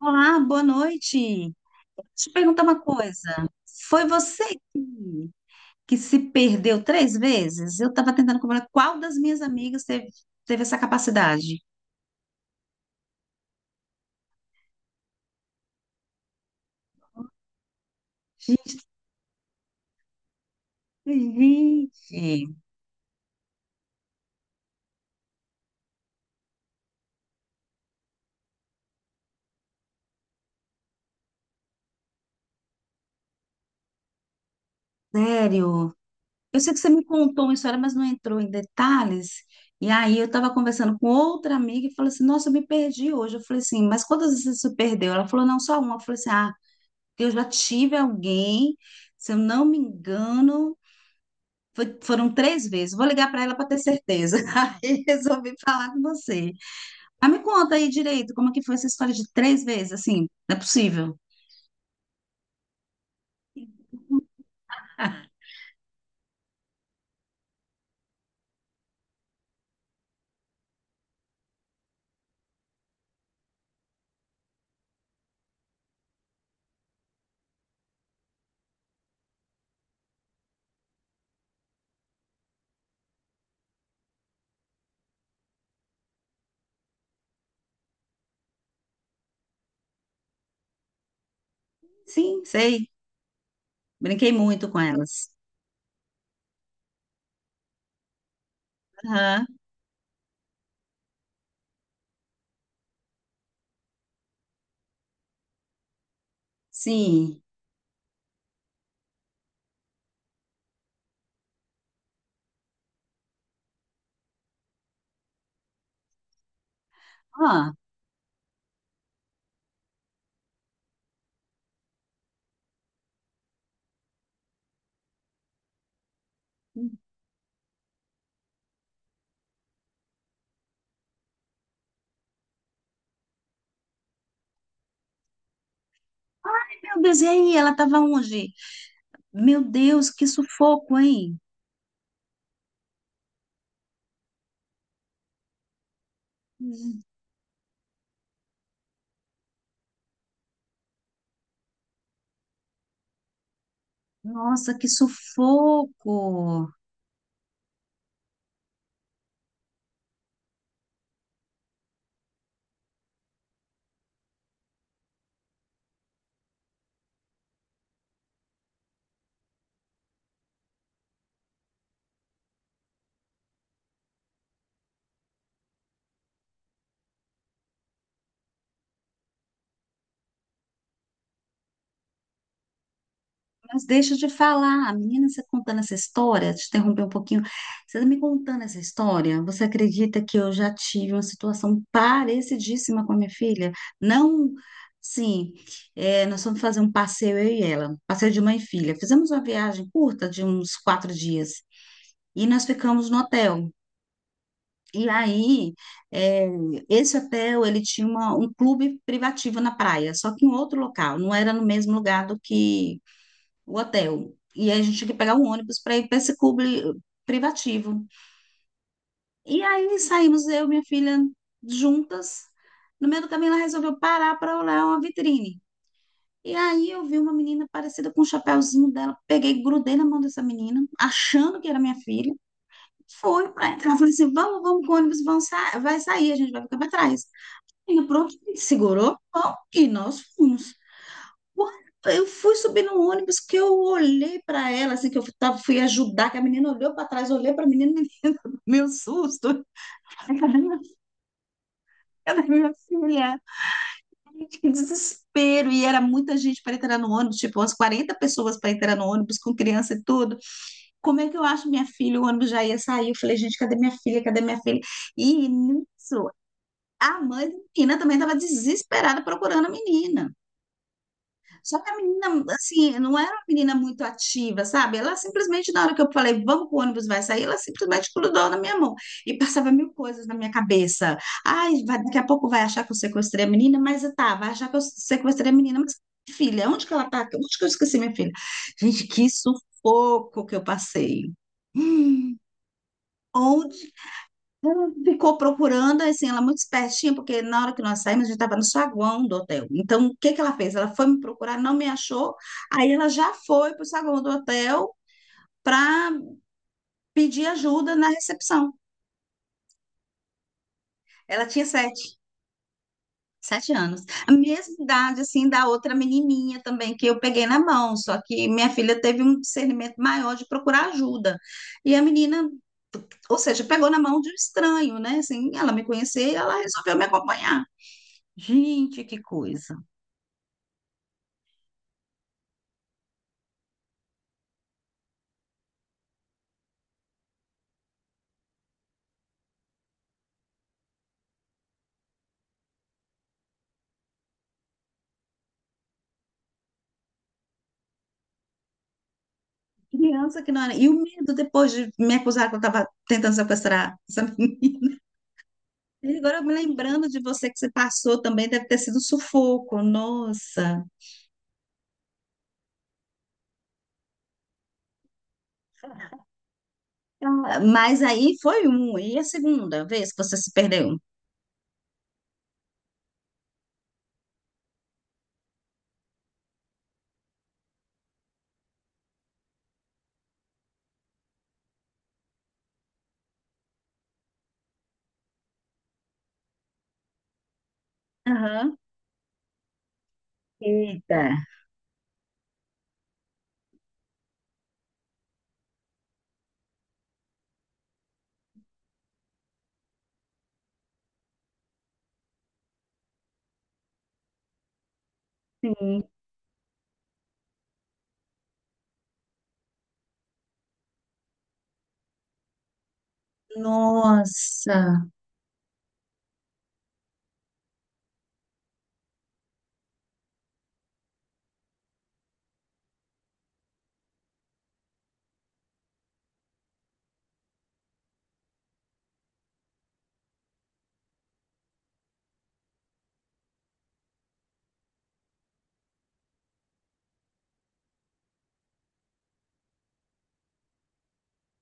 Olá, boa noite. Deixa eu te perguntar uma coisa. Foi você que, se perdeu três vezes? Eu estava tentando comprar qual das minhas amigas teve essa capacidade. Gente, gente, sério. Eu sei que você me contou uma história, mas não entrou em detalhes. E aí eu estava conversando com outra amiga e falei assim: Nossa, eu me perdi hoje. Eu falei assim: Mas quantas vezes você se perdeu? Ela falou: Não, só uma. Eu falei assim: Ah, eu já tive alguém, se eu não me engano. Foram três vezes. Vou ligar para ela para ter certeza. Aí resolvi falar com você. Mas me conta aí direito, como que foi essa história de três vezes? Assim, não é possível. Sim, sei. Brinquei muito com elas. Aham, sim. Ah, meu Deus, e aí? Ela estava onde? Meu Deus, que sufoco, hein? Nossa, que sufoco. Mas deixa de falar, a menina, você contando essa história, te interromper um pouquinho, você tá me contando essa história, você acredita que eu já tive uma situação parecidíssima com a minha filha? Não, sim, nós fomos fazer um passeio, eu e ela, passeio de mãe e filha. Fizemos uma viagem curta de uns 4 dias e nós ficamos no hotel. E aí, é, esse hotel, ele tinha um clube privativo na praia, só que em outro local, não era no mesmo lugar do que o hotel. E aí a gente tinha que pegar um ônibus para ir para esse clube privativo. E aí saímos eu e minha filha juntas. No meio do caminho ela resolveu parar para olhar uma vitrine. E aí eu vi uma menina parecida com o chapéuzinho dela. Peguei, grudei na mão dessa menina, achando que era minha filha. Foi para entrar. Falei assim: vamos, vamos com o ônibus, vamos sa vai sair, a gente vai ficar para trás. E pronto, segurou, bom, e nós fomos. Eu fui subir no ônibus que eu olhei para ela, assim, fui ajudar, que a menina olhou para trás, olhei para a menina, meu susto. Ela é minha filha. Gente, que desespero. E era muita gente para entrar no ônibus, tipo, umas 40 pessoas para entrar no ônibus com criança e tudo. Como é que eu acho minha filha? O ônibus já ia sair. Eu falei, gente, cadê minha filha? Cadê minha filha? E nisso, a mãe da menina também estava desesperada procurando a menina. Só que a menina, assim, não era uma menina muito ativa, sabe? Ela simplesmente, na hora que eu falei, vamos pro ônibus, vai sair, ela simplesmente grudou na minha mão e passava mil coisas na minha cabeça. Ai, daqui a pouco vai achar que eu sequestrei a menina, mas tá, vai achar que eu sequestrei a menina, mas filha, onde que ela tá? Onde que eu esqueci minha filha? Gente, que sufoco que eu passei. Hum, ela ficou procurando, assim, ela muito espertinha, porque na hora que nós saímos, a gente estava no saguão do hotel. Então, o que que ela fez? Ela foi me procurar, não me achou. Aí ela já foi para o saguão do hotel para pedir ajuda na recepção. Ela tinha sete anos. A mesma idade, assim, da outra menininha também, que eu peguei na mão. Só que minha filha teve um discernimento maior de procurar ajuda. E a menina, ou seja, pegou na mão de um estranho, né? Assim, ela me conhecia e ela resolveu me acompanhar. Gente, que coisa. Criança que não era. E o medo depois de me acusar que eu estava tentando sequestrar essa menina. E agora, me lembrando de você que você passou também, deve ter sido um sufoco, nossa. Ah, mas aí foi um, e a segunda vez que você se perdeu? Aham. Eita. Sim. Nossa.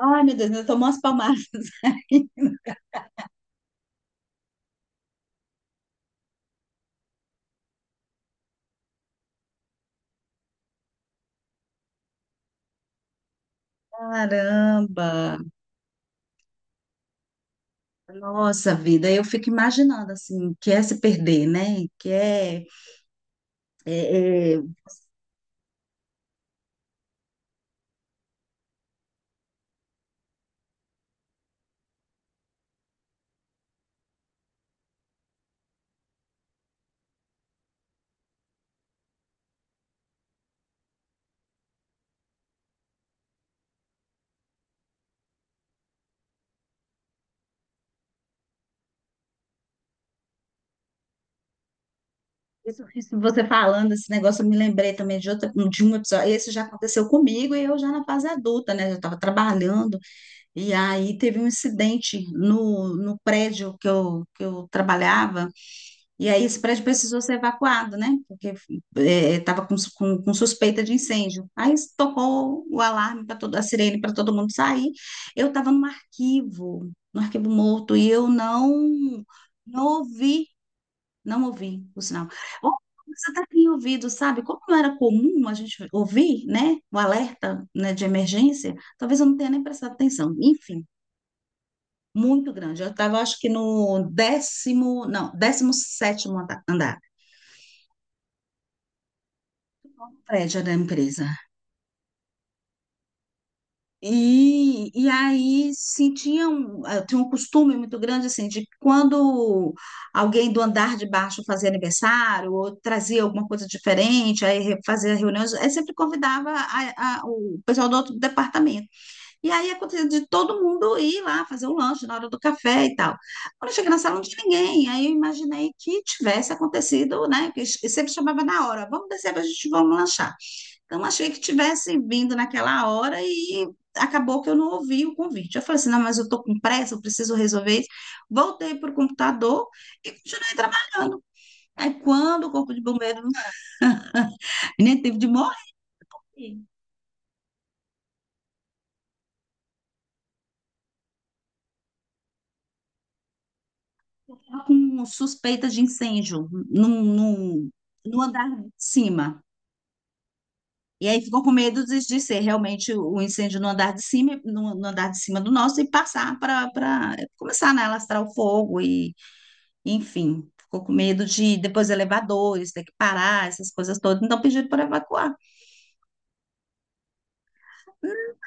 Ai, meu Deus, eu tomou umas palmadas aí. Caramba. Nossa vida, eu fico imaginando assim, o que é se perder, né? Que é, é, é Isso, isso você falando esse negócio, eu me lembrei também de outra, de um episódio. Esse já aconteceu comigo e eu já na fase adulta, né? Eu estava trabalhando e aí teve um incidente no prédio que que eu trabalhava e aí esse prédio precisou ser evacuado, né? Porque estava com suspeita de incêndio. Aí tocou o alarme para todo, a sirene para todo mundo sair. Eu estava no arquivo, no arquivo morto e eu não ouvi o sinal. Ou Você até tinha ouvido, sabe? Como não era comum a gente ouvir, né? O alerta, né, de emergência, talvez eu não tenha nem prestado atenção. Enfim, muito grande. Eu estava, acho que no décimo, não, décimo sétimo andar, prédio da empresa. E aí sentiam, um, tinha um costume muito grande assim, de quando alguém do andar de baixo fazia aniversário ou trazia alguma coisa diferente, aí fazia reuniões, aí sempre convidava o pessoal do outro departamento. E aí acontecia de todo mundo ir lá fazer o lanche na hora do café e tal. Quando eu cheguei na sala, não tinha ninguém, aí eu imaginei que tivesse acontecido, né? Que sempre chamava na hora, vamos descer, a gente vamos lanchar. Então, achei que tivesse vindo naquela hora e acabou que eu não ouvi o convite. Eu falei assim, não, mas eu estou com pressa, eu preciso resolver isso. Voltei para o computador e continuei trabalhando. Aí, quando o corpo de bombeiro, né, teve de morrer, estava com suspeita de incêndio no andar de cima. E aí ficou com medo de ser realmente o incêndio no andar de cima, no andar de cima do nosso e passar para começar, né, a alastrar o fogo e enfim, ficou com medo de depois elevadores, ter que parar, essas coisas todas. Então pediram para evacuar.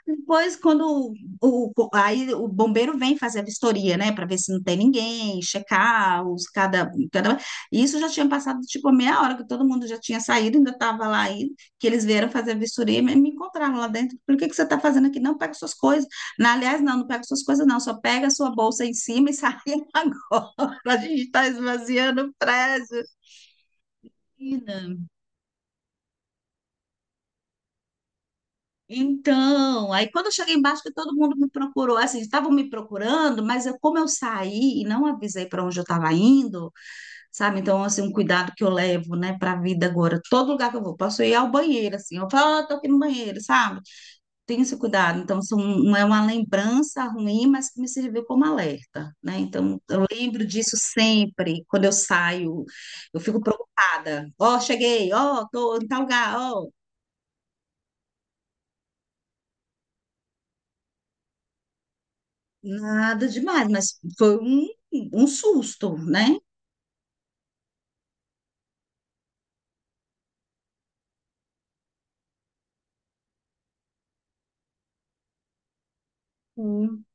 Depois, quando o- aí o bombeiro vem fazer a vistoria, né, para ver se não tem ninguém, checar os cada. Isso já tinha passado tipo meia hora que todo mundo já tinha saído, ainda estava lá aí, que eles vieram fazer a vistoria e me encontraram lá dentro. Por que que você está fazendo aqui? Não, pega suas coisas. Na, aliás, não, não pega suas coisas, não, só pega a sua bolsa em cima e sai agora. A gente está esvaziando o prédio. Menina. Então, aí quando eu cheguei embaixo, que todo mundo me procurou, assim, estavam me procurando, mas eu, como eu saí e não avisei para onde eu estava indo, sabe? Então, assim, um cuidado que eu levo, né, para a vida agora. Todo lugar que eu vou, posso ir ao banheiro, assim, eu falo, ah, tô aqui no banheiro, sabe? Tenho esse cuidado. Então, são, não é uma lembrança ruim, mas que me serviu como alerta, né? Então, eu lembro disso sempre, quando eu saio, eu fico preocupada. Ó, cheguei, ó, tô em tal lugar, ó. Nada demais, mas foi um, um susto, né? Sim.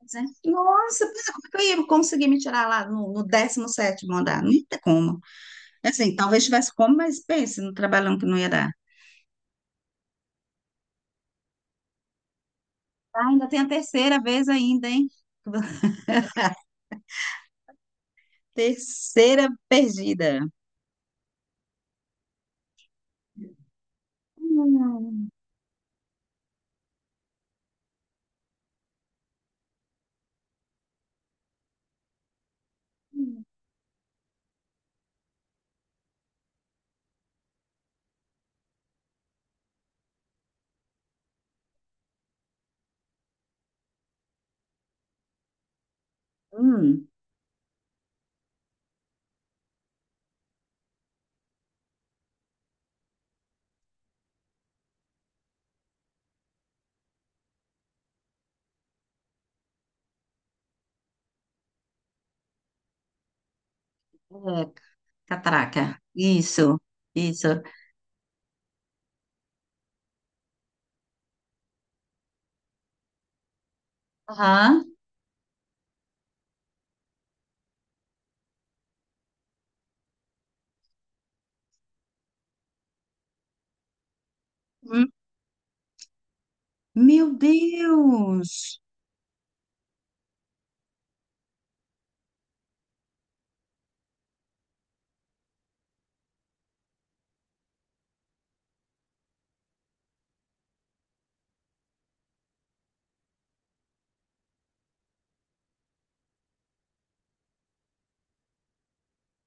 Mas é, nossa, pera, como é que eu ia conseguir me tirar lá no 17º andar? Não tem como. É assim, talvez tivesse como, mas pense no trabalhão que não ia dar. Ah, ainda tem a terceira vez ainda, hein? Terceira perdida. Hum. Hum, é, catraca. Isso, isso. Aham. Hum. Meu Deus!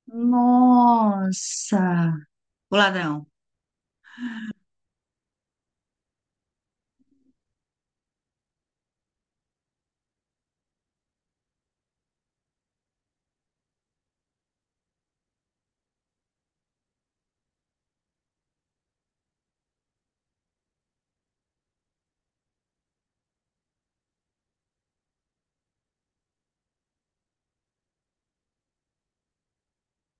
Nossa! O ladrão.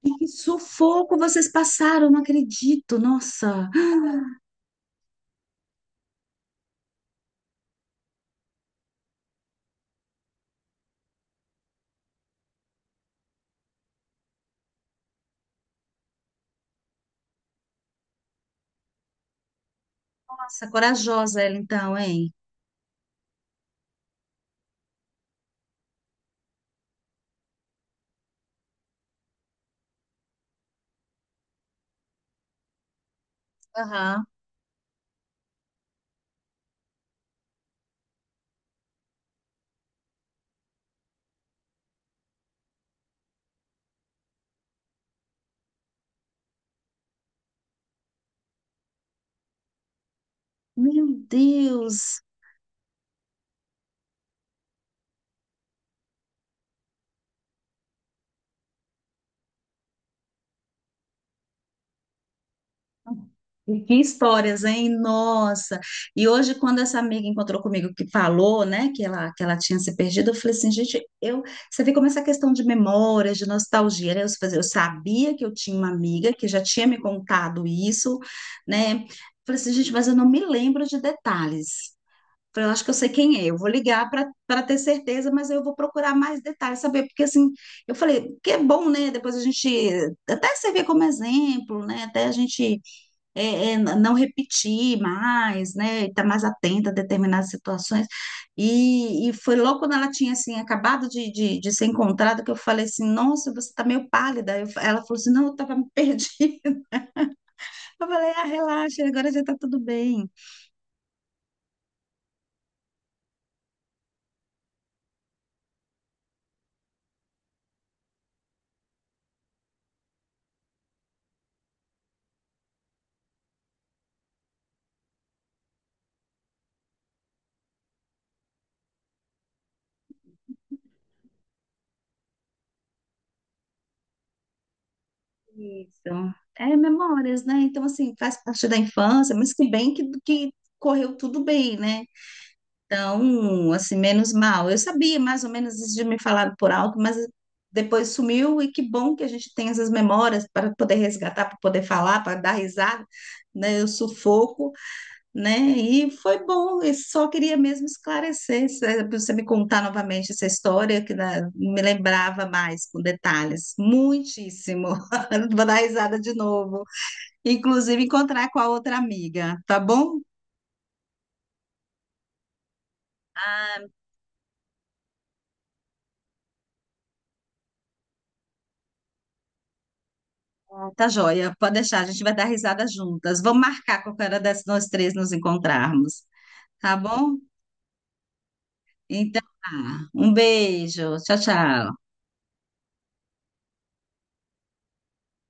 E que sufoco vocês passaram, não acredito. Nossa, nossa, corajosa ela então, hein? Aham. Meu Deus. E que histórias, hein? Nossa. E hoje, quando essa amiga encontrou comigo que falou, né, que ela tinha se perdido, eu falei assim, gente, eu, você vê como essa questão de memórias, de nostalgia, né? Eu, falei, eu sabia que eu tinha uma amiga que já tinha me contado isso, né? Eu Falei assim, gente, mas eu não me lembro de detalhes. Falei, eu acho que eu sei quem é, eu vou ligar para ter certeza, mas eu vou procurar mais detalhes, saber, porque assim, eu falei, que é bom, né? Depois a gente até servir como exemplo, né? Até a gente é, não repetir mais, né? Estar mais atenta a determinadas situações. E foi logo quando ela tinha assim, acabado de ser encontrada, que eu falei assim, nossa, você está meio pálida. Eu Ela falou assim, não, eu estava perdida. Eu falei, ah, relaxa, agora já está tudo bem. Isso. É memórias, né? Então, assim, faz parte da infância, mas que bem que correu tudo bem, né? Então, assim, menos mal. Eu sabia mais ou menos isso de me falar por alto, mas depois sumiu e que bom que a gente tem essas memórias para poder resgatar, para poder falar, para dar risada, né? Eu sufoco né? E foi bom, eu só queria mesmo esclarecer, é pra você me contar novamente essa história, que me lembrava mais com detalhes, muitíssimo. Vou dar risada de novo. Inclusive, encontrar com a outra amiga, tá bom? Tá joia, pode deixar, a gente vai dar risada juntas. Vamos marcar qualquer hora dessas nós três nos encontrarmos, tá bom? Então, tá. Um beijo, tchau, tchau.